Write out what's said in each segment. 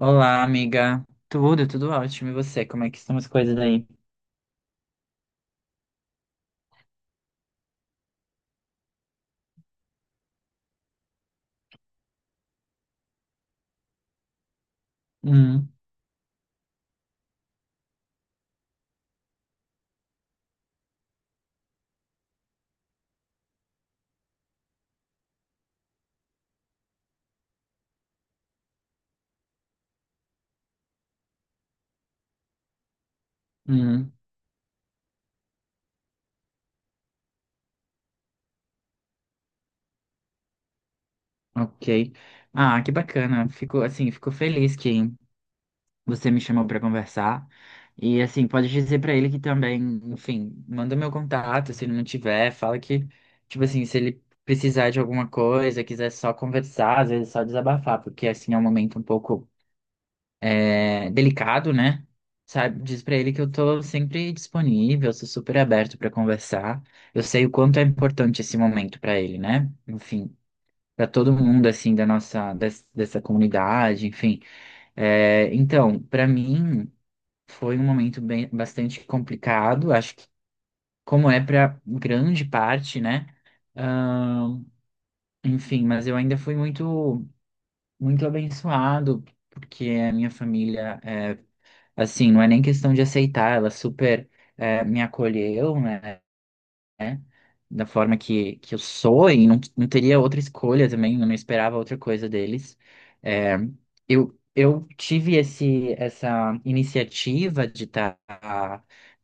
Olá, amiga. Tudo ótimo. E você, como é que estão as coisas aí? Hum. Hum. Ok. Ah, que bacana. Fico, assim, fico feliz que você me chamou para conversar. E, assim, pode dizer para ele que também, enfim, manda meu contato, se ele não tiver, fala que, tipo assim, se ele precisar de alguma coisa, quiser só conversar, às vezes é só desabafar, porque, assim, é um momento um pouco é, delicado, né? Sabe, diz pra ele que eu tô sempre disponível, sou super aberto pra conversar. Eu sei o quanto é importante esse momento pra ele, né? Enfim, pra todo mundo assim da nossa dessa comunidade, enfim. É, então, pra mim foi um momento bem bastante complicado, acho que como é pra grande parte, né? Ahn, enfim, mas eu ainda fui muito muito abençoado porque a minha família é assim, não é nem questão de aceitar, ela super me acolheu, né? Da forma que eu sou e não, não teria outra escolha também, eu não esperava outra coisa deles. Eh, eu tive esse, essa iniciativa de estar,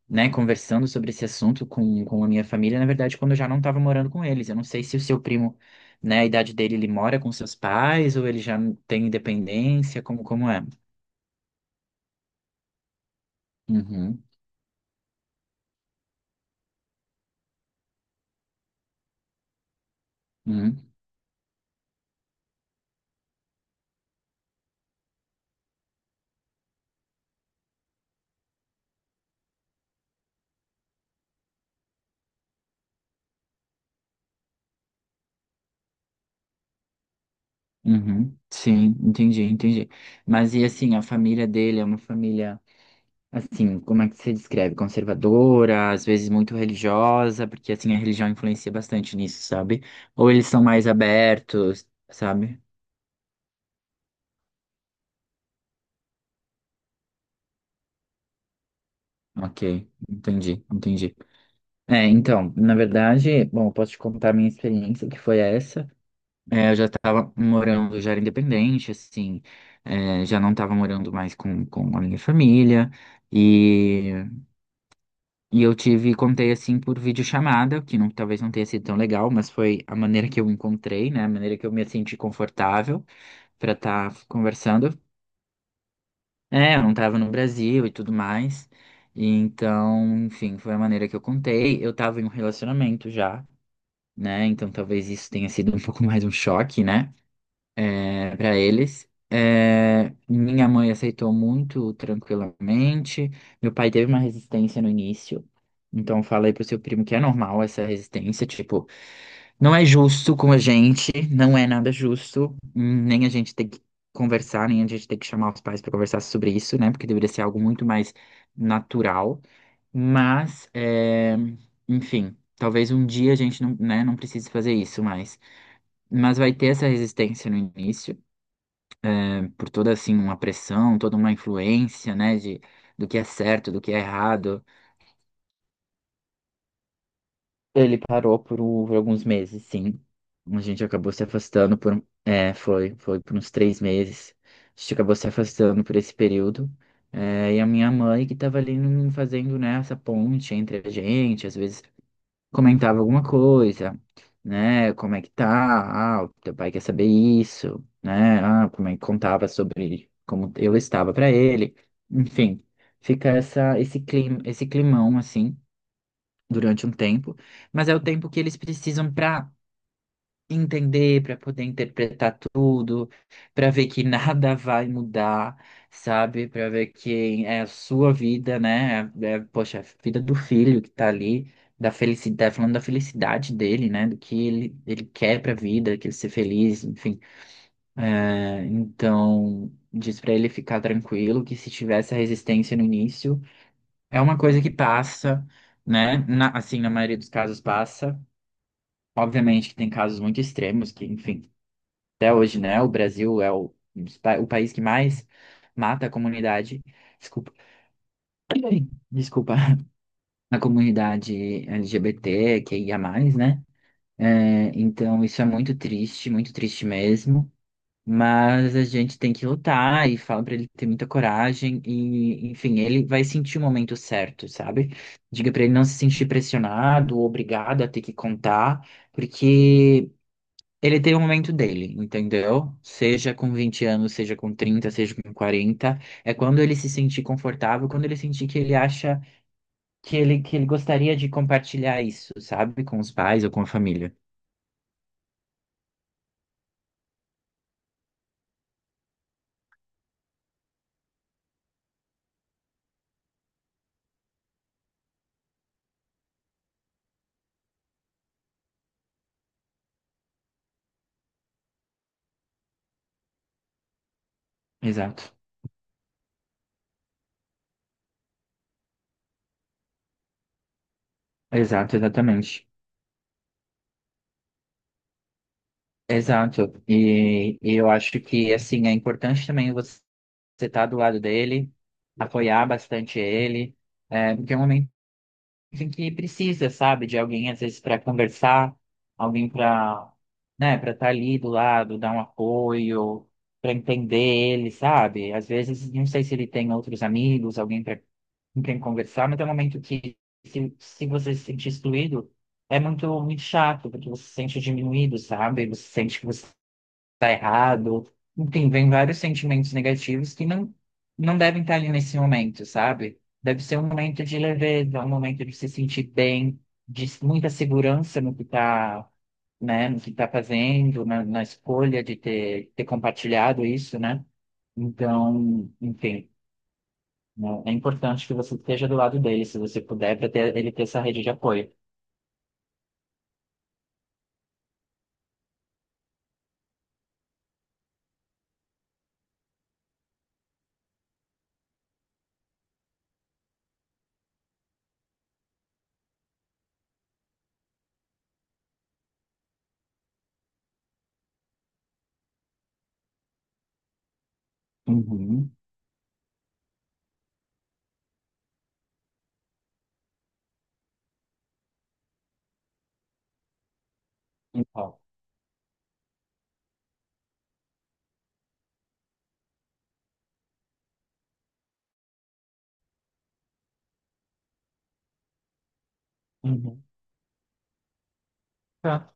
né, conversando sobre esse assunto com a minha família, na verdade, quando eu já não estava morando com eles. Eu não sei se o seu primo, né, a idade dele, ele mora com seus pais ou ele já tem independência, como, como é? Uhum, uhum. Uhum, sim, entendi, entendi. Mas e assim, a família dele é uma família, assim, como é que você descreve? Conservadora, às vezes muito religiosa, porque assim, a religião influencia bastante nisso, sabe? Ou eles são mais abertos, sabe? Ok, entendi, entendi. É, então, na verdade, bom, eu posso te contar a minha experiência, que foi essa. É, eu já estava morando, já era independente, assim, é, já não estava morando mais com a minha família. E E eu tive, contei assim por videochamada, que não, talvez não tenha sido tão legal, mas foi a maneira que eu encontrei, né? A maneira que eu me senti confortável para estar conversando. É, eu não tava no Brasil e tudo mais. E então, enfim, foi a maneira que eu contei. Eu tava em um relacionamento já, né? Então talvez isso tenha sido um pouco mais um choque, né? É, para eles. É, minha mãe aceitou muito tranquilamente. Meu pai teve uma resistência no início. Então falei pro seu primo que é normal essa resistência, tipo, não é justo com a gente, não é nada justo, nem a gente tem que conversar, nem a gente tem que chamar os pais para conversar sobre isso, né? Porque deveria ser algo muito mais natural. Mas, é, enfim, talvez um dia a gente não, né, não precise fazer isso mais. Mas vai ter essa resistência no início por toda assim uma pressão, toda uma influência, né, de do que é certo, do que é errado. Ele parou por, por alguns meses, sim. A gente acabou se afastando por, é, foi por uns 3 meses. A gente acabou se afastando por esse período. É, e a minha mãe que estava ali fazendo, né, essa ponte entre a gente, às vezes comentava alguma coisa, né? Como é que tá? Ah, o teu pai quer saber isso, né? Ah, como é que contava sobre como eu estava para ele. Enfim, fica essa, esse clima, esse climão assim durante um tempo, mas é o tempo que eles precisam para entender, para poder interpretar tudo, para ver que nada vai mudar, sabe? Para ver que é a sua vida, né? É, é, poxa, a vida do filho que tá ali, da felicidade, falando da felicidade dele, né? Do que ele quer pra vida, que ele ser feliz, enfim. É, então, diz pra ele ficar tranquilo, que se tivesse a resistência no início, é uma coisa que passa, né? Assim, na maioria dos casos passa. Obviamente que tem casos muito extremos que, enfim, até hoje, né? O Brasil é o país que mais mata a comunidade, desculpa, desculpa, a comunidade LGBT, que ia mais, né? É, então, isso é muito triste mesmo. Mas a gente tem que lutar e fala pra ele ter muita coragem e, enfim, ele vai sentir o momento certo, sabe? Diga pra ele não se sentir pressionado, obrigado a ter que contar, porque ele tem o momento dele, entendeu? Seja com 20 anos, seja com 30, seja com 40, é quando ele se sentir confortável, quando ele sentir que ele acha que ele gostaria de compartilhar isso, sabe? Com os pais ou com a família. Exato, exato, exatamente. Exato. E eu acho que, assim, é importante também você estar do lado dele, apoiar bastante ele, é, porque é um momento em que precisa, sabe, de alguém às vezes para conversar, alguém para, né, para estar ali do lado, dar um apoio, para entender ele, sabe? Às vezes não sei se ele tem outros amigos, alguém para com quem conversar, mas é um momento que se você se sentir excluído, é muito muito chato, porque você se sente diminuído, sabe? Você sente que você tá errado. Enfim, vem vários sentimentos negativos que não, não devem estar ali nesse momento, sabe? Deve ser um momento de leveza, um momento de se sentir bem, de muita segurança no que tá, né, no que tá fazendo, na escolha de ter compartilhado isso, né? Então, enfim, né, é importante que você esteja do lado dele, se você puder, para ter, ele ter essa rede de apoio. Uhum. Então, uhum. Tá.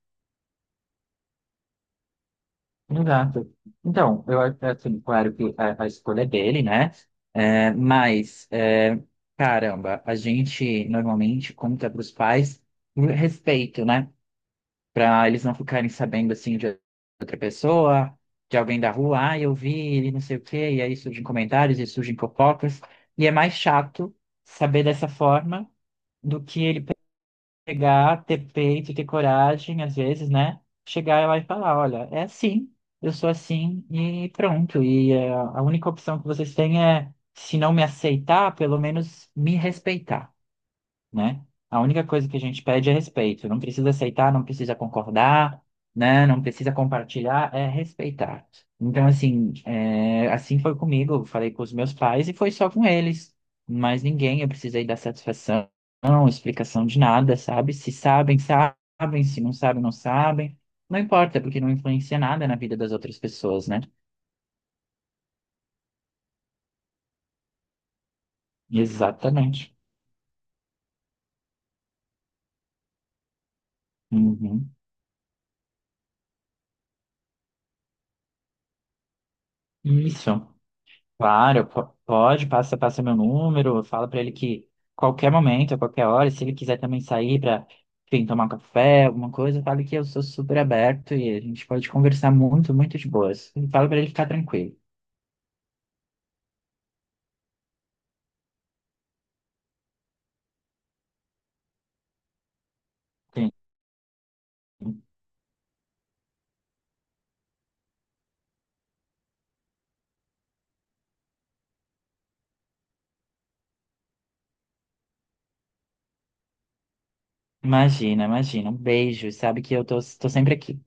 Exato. Então, eu acho assim, claro que a escolha é dele, né? É, mas, é, caramba, a gente normalmente conta para os pais por respeito, né? Para eles não ficarem sabendo, assim, de outra pessoa, de alguém da rua, ah, eu vi ele, não sei o quê, e aí surgem comentários e surgem fofocas. E é mais chato saber dessa forma do que ele chegar, ter peito, ter coragem, às vezes, né? Chegar lá e falar, olha, é assim, eu sou assim e pronto. E a única opção que vocês têm é, se não me aceitar, pelo menos me respeitar, né? A única coisa que a gente pede é respeito. Não precisa aceitar, não precisa concordar, né? Não precisa compartilhar, é respeitar. Então, assim, é, assim foi comigo. Eu falei com os meus pais e foi só com eles. Mas ninguém, eu precisei dar satisfação, não, explicação de nada, sabe? Se sabem, sabem, se não sabem, não sabem. Não importa, é porque não influencia nada na vida das outras pessoas, né? Exatamente. Uhum. Isso. Claro, pode, passa, passa meu número, fala pra ele que qualquer momento, a qualquer hora, se ele quiser também sair pra, enfim, tomar um café, alguma coisa, fala que eu sou super aberto e a gente pode conversar muito, muito de boas. E fala pra ele ficar tranquilo. Sim. Imagina, imagina. Um beijo, sabe que eu tô sempre aqui.